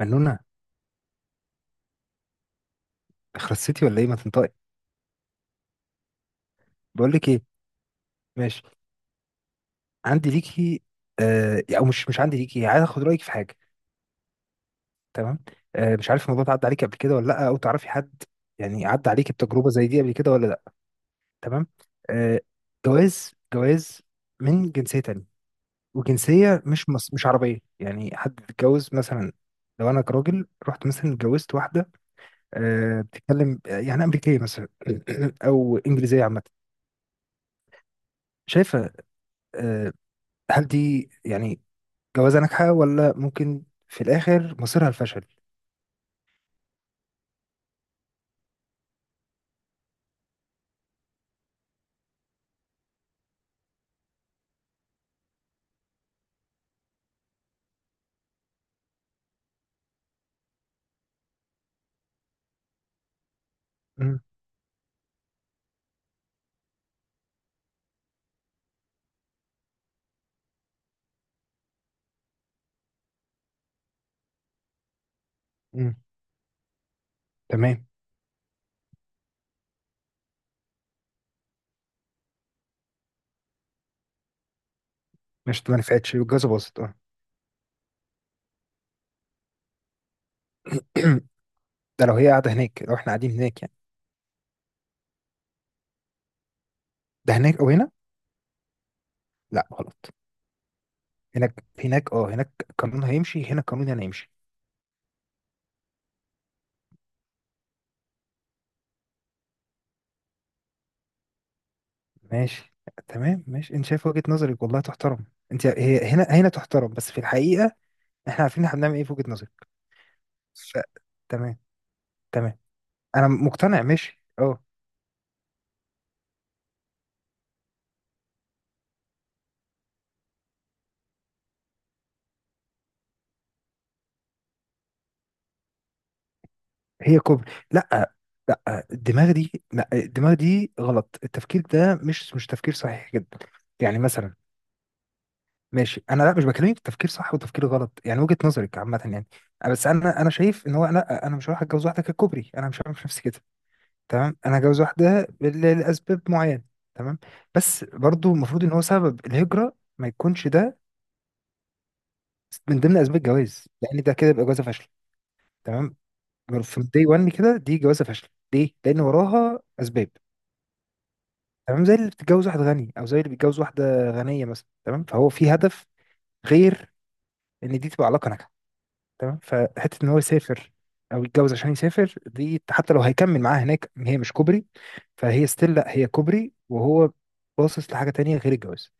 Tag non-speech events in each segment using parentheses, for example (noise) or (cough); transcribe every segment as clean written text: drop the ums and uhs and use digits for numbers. منونة. تخرب سيتي ولا ايه؟ ما تنطقي. بقول لك ايه. ماشي. عندي ليكي. آه او مش عندي ليكي، عايز اخد رايك في حاجه. تمام. مش عارف الموضوع ده عدى عليكي قبل كده ولا لا، او تعرفي حد، يعني عدى عليكي بتجربه زي دي قبل كده ولا لا. تمام. آه جواز جواز من جنسيه تانية، وجنسيه مش مش عربيه، يعني حد اتجوز مثلا. لو انا كراجل رحت مثلا اتجوزت واحده، بتتكلم يعني امريكيه مثلا (clears throat) او انجليزيه عامه. شايفه؟ آه هل دي يعني جواز ناجحة ولا ممكن في الآخر مصيرها الفشل؟ مم. مم. تمام. مش ما نفعتش والجوازة باظت، اه. (clears throat) ده لو هي قاعدة هناك، لو احنا قاعدين هناك يعني، ده هناك أو هنا. لا غلط. هناك هناك، اه، هناك القانون هيمشي، هنا القانون هنا هيمشي. ماشي. تمام، ماشي. انت شايف وجهة نظرك والله تحترم. انت هي هنا هنا تحترم، بس في الحقيقة احنا عارفين احنا بنعمل ايه في وجهة نظرك. ف... تمام. تمام. انا مقتنع، ماشي اه. هي كوبري. لا. لا الدماغ دي غلط، التفكير ده مش تفكير صحيح جدا. يعني مثلا. ماشي، انا لا مش بكلمك في تفكير صح وتفكير غلط، يعني وجهة نظرك عامة يعني. بس انا شايف ان هو لا، انا مش هروح اتجوز واحدة ككوبري، انا مش هعمل نفسي كده. تمام. انا هتجوز واحدة لاسباب معينة. تمام. بس برضو المفروض ان هو سبب الهجرة ما يكونش ده من ضمن اسباب الجواز، لان ده كده يبقى جوازة فاشلة. تمام. من، دي 1 كده، دي جوازة فاشلة ليه؟ لان وراها اسباب. تمام. زي اللي بتتجوز واحد غني، او زي اللي بيتجوز واحده غنيه مثلا، تمام، فهو في هدف غير ان دي تبقى علاقه ناجحه. تمام. فحته ان هو يسافر او يتجوز عشان يسافر، دي حتى لو هيكمل معاها هناك، هي مش كوبري. فهي ستيل، لا هي كوبري وهو باصص لحاجه تانية غير الجواز.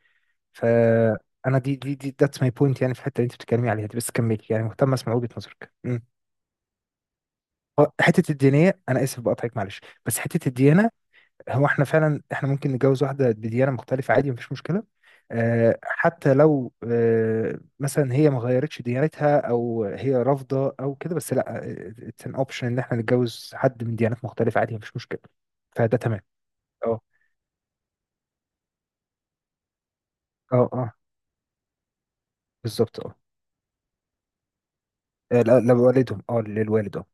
فانا دي ذاتس ماي بوينت، يعني في الحته اللي انت بتتكلمي عليها دي، بس كملي، يعني مهتم اسمع وجهه نظرك. مم. حته الدينيه، انا اسف بقطعك، معلش، بس حته الديانه. هو احنا فعلا احنا ممكن نتجوز واحدة بديانة مختلفة، عادي مفيش مشكلة. حتى لو مثلا هي ما غيرتش ديانتها، او هي رافضة او كده، بس لا، اتس ان اوبشن ان احنا نتجوز حد من ديانات مختلفة، عادي مفيش مشكلة. فده تمام. اه، اه، اه، بالظبط اه. لو والدهم اه، للوالد اه،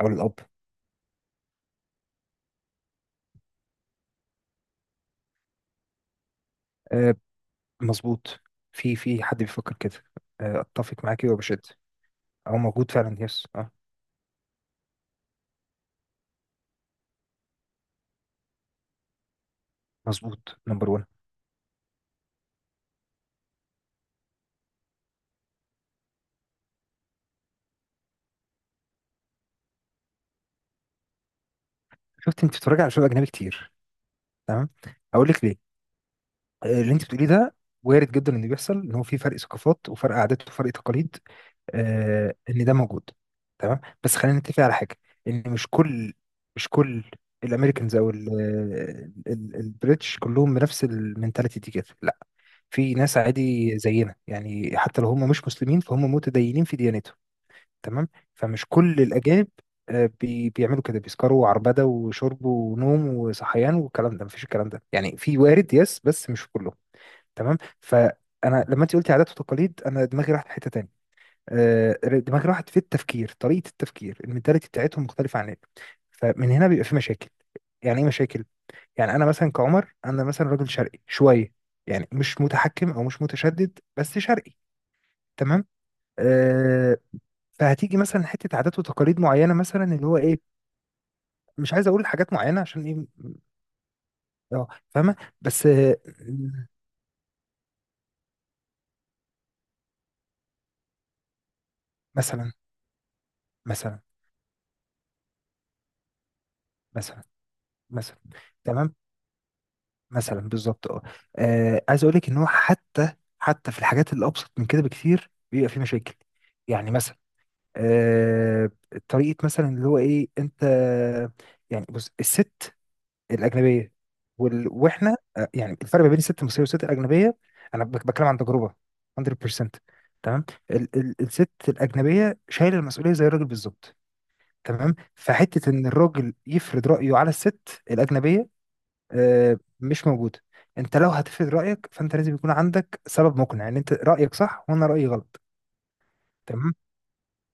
او للاب. آه، مظبوط. في في حد بيفكر كده. اتفق معاك وبشد، او موجود فعلا، يس اه. مظبوط، نمبر 1. شفت، انت بتتفرج على شغل اجنبي كتير. تمام. اقول لك ليه. اللي انت بتقوليه ده وارد جدا انه يحصل، ان هو في فرق ثقافات وفرق عادات وفرق تقاليد. ان ده موجود. تمام، بس خلينا نتفق على حاجه، ان مش كل الامريكانز او البريتش كلهم بنفس المنتاليتي دي كده، لا. في ناس عادي زينا، يعني حتى لو هم مش مسلمين، فهم متدينين في ديانتهم. تمام. فمش كل الاجانب بيعملوا كده، بيسكروا عربده وشرب ونوم وصحيان والكلام ده، مفيش الكلام ده يعني، في وارد يس بس مش كله. تمام. فانا لما انت قلتي عادات وتقاليد، انا دماغي راحت في حته تاني. آه، دماغي راحت في التفكير، طريقه التفكير المنتاليتي بتاعتهم مختلفه عننا. فمن هنا بيبقى في مشاكل. يعني ايه مشاكل؟ يعني انا مثلا كعمر، انا مثلا راجل شرقي شويه، يعني مش متحكم او مش متشدد، بس شرقي. تمام. آه. فهتيجي مثلا حته عادات وتقاليد معينه، مثلا اللي هو ايه. مش عايز اقول حاجات معينه عشان ايه. اه فاهمه. بس آه. مثلا مثلا مثلا مثلا. تمام. مثلا بالظبط اه. عايز اقول لك ان هو حتى، حتى في الحاجات اللي ابسط من كده بكتير بيبقى في مشاكل. يعني مثلا، آه، طريقه مثلا اللي هو ايه انت. يعني بص، الست الاجنبيه واحنا يعني الفرق ما بين الست المصريه والست الاجنبيه. انا بتكلم عن تجربه، 100%. تمام. الست الاجنبيه شايله المسؤوليه زي الراجل بالظبط. تمام. فحته ان الراجل يفرض رايه على الست الاجنبيه مش موجودة. انت لو هتفرض رأيك، فانت لازم يكون عندك سبب مقنع ان انت رأيك صح وانا رأيي غلط. تمام.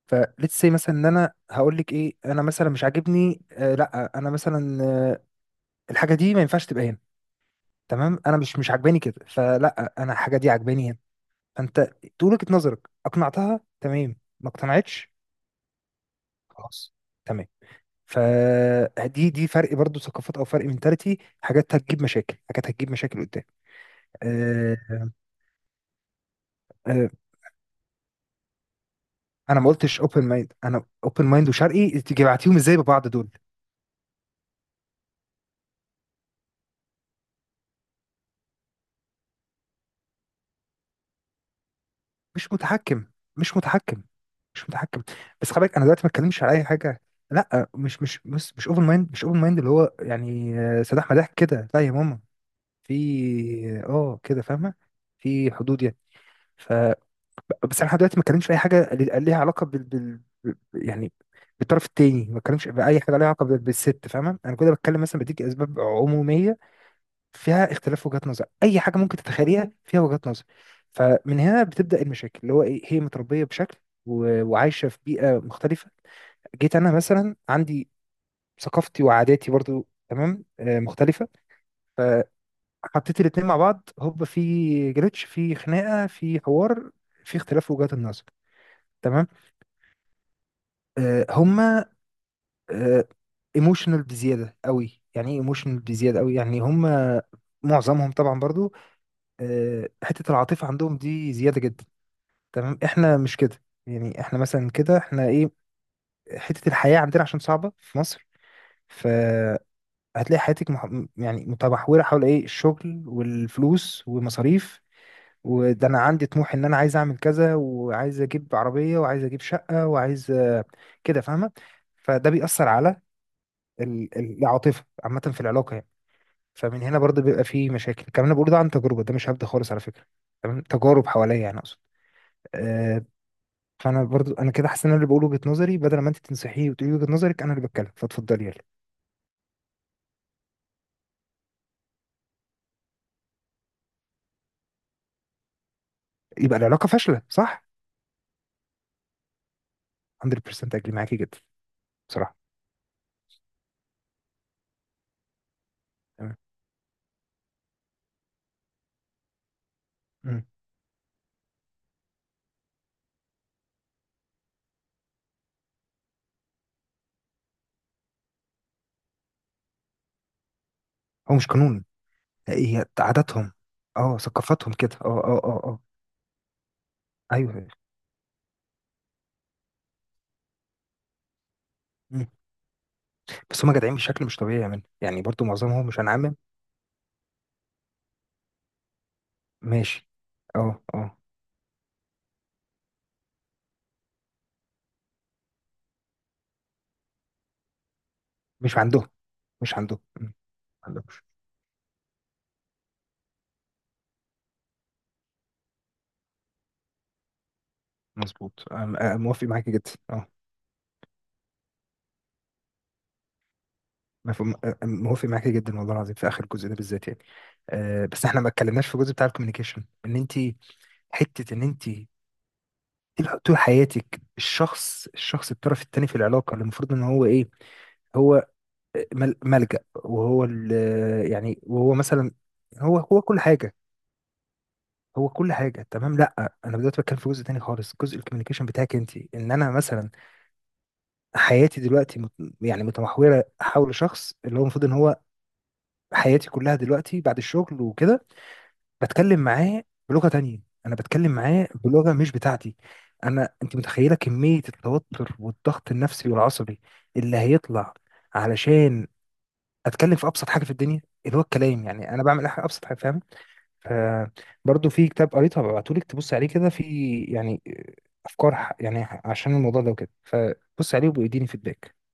فليتس سي مثلا، ان انا هقول لك ايه، انا مثلا مش عاجبني، لا انا مثلا، الحاجة دي ما ينفعش تبقى هنا. تمام. انا مش عاجباني كده، فلا انا الحاجة دي عاجباني هنا. فانت تقول وجهة نظرك، اقنعتها تمام، ما اقتنعتش خلاص. تمام. فدي، دي فرق برضو ثقافات او فرق منتاليتي، حاجات هتجيب مشاكل، حاجات هتجيب مشاكل قدام. آه، آه، انا ما قلتش اوبن مايند، انا اوبن مايند وشرقي، تيجي بعتيهم ازاي ببعض دول. مش متحكم، مش متحكم، مش متحكم. بس خلي بالك انا دلوقتي ما اتكلمش على اي حاجه. لا مش اوبن مايند، مش اوبن مايند اللي هو يعني سداح مداح كده لا يا ماما. في اه كده فاهمه. في حدود يعني. ف بس انا لحد دلوقتي ما اتكلمش في اي حاجه اللي- ليها علاقه يعني بالطرف التاني، ما اتكلمش في اي حاجه ليها علاقه بالست، فاهمه، انا كده بتكلم مثلا بديك اسباب عموميه فيها اختلاف وجهات نظر، اي حاجه ممكن تتخيليها فيها وجهات نظر. فمن هنا بتبدا المشاكل اللي هو ايه، هي متربيه بشكل وعايشه في بيئه مختلفه. جيت انا مثلا عندي ثقافتي وعاداتي برضو، تمام، مختلفه. فحطيت الاتنين مع بعض، هوب، في جليتش، في خناقه، في حوار، في اختلاف وجهات النظر. تمام. هما ايموشنال بزياده قوي، يعني ايه ايموشنال بزياده قوي، يعني هما معظمهم طبعا برضو حته العاطفه عندهم دي زياده جدا. تمام. احنا مش كده يعني، احنا مثلا كده احنا ايه، حتة الحياة عندنا عشان صعبة في مصر، فهتلاقي حياتك يعني متمحورة حول ايه، الشغل والفلوس ومصاريف، وده انا عندي طموح ان انا عايز اعمل كذا وعايز اجيب عربية وعايز اجيب شقة وعايز، كده فاهمة. فده بيأثر على العاطفة عامة في العلاقة يعني. فمن هنا برضه بيبقى فيه مشاكل. الكلام اللي أنا بقوله ده عن تجربة، ده مش هبدأ خالص على فكرة. تمام. تجارب حواليا يعني اقصد. آه، فانا برضو انا كده حاسس ان انا اللي بقول وجهه نظري، بدل ما انت تنصحيه وتقولي وجهه نظرك، انا اللي بتكلم، فاتفضلي يلا. يبقى العلاقه فاشله، صح، 100%. اجري معاكي جدا. بصراحه. تمام. مم. هو مش قانون، هي عاداتهم. اه ثقافتهم كده، اه اه اه اه. ايوه. مم. بس هم جدعين بشكل مش طبيعي يا من، يعني برضو معظمهم، مش هنعمم. ماشي. اه اه. مش عندهم، مم. ما عندهمش. مظبوط. موافق معاكي جدا اه. مفهوم. موافق معاكي جدا والله العظيم في اخر الجزء ده بالذات يعني. أه بس احنا ما اتكلمناش في الجزء بتاع الكوميونيكيشن، ان انت، حته ان انت طول حياتك الشخص، الطرف الثاني في العلاقه اللي المفروض ان هو ايه، هو ملجأ، وهو يعني وهو مثلا هو كل حاجه. هو كل حاجه، تمام. لا انا دلوقتي بتكلم في جزء تاني خالص، جزء الكوميونيكيشن بتاعك انت، ان انا مثلا حياتي دلوقتي يعني متمحوره حول شخص اللي هو المفروض ان هو حياتي كلها دلوقتي بعد الشغل وكده، بتكلم معاه بلغه تانية، انا بتكلم معاه بلغه مش بتاعتي. انا انت متخيله كميه التوتر والضغط النفسي والعصبي اللي هيطلع علشان اتكلم في ابسط حاجه في الدنيا، اللي هو الكلام يعني. انا بعمل حاجه، ابسط حاجه، فاهم. فبرضه في كتاب قريته هبعتهولك تبص عليه كده، في يعني افكار يعني عشان الموضوع ده وكده، فبص عليه وبيديني فيدباك.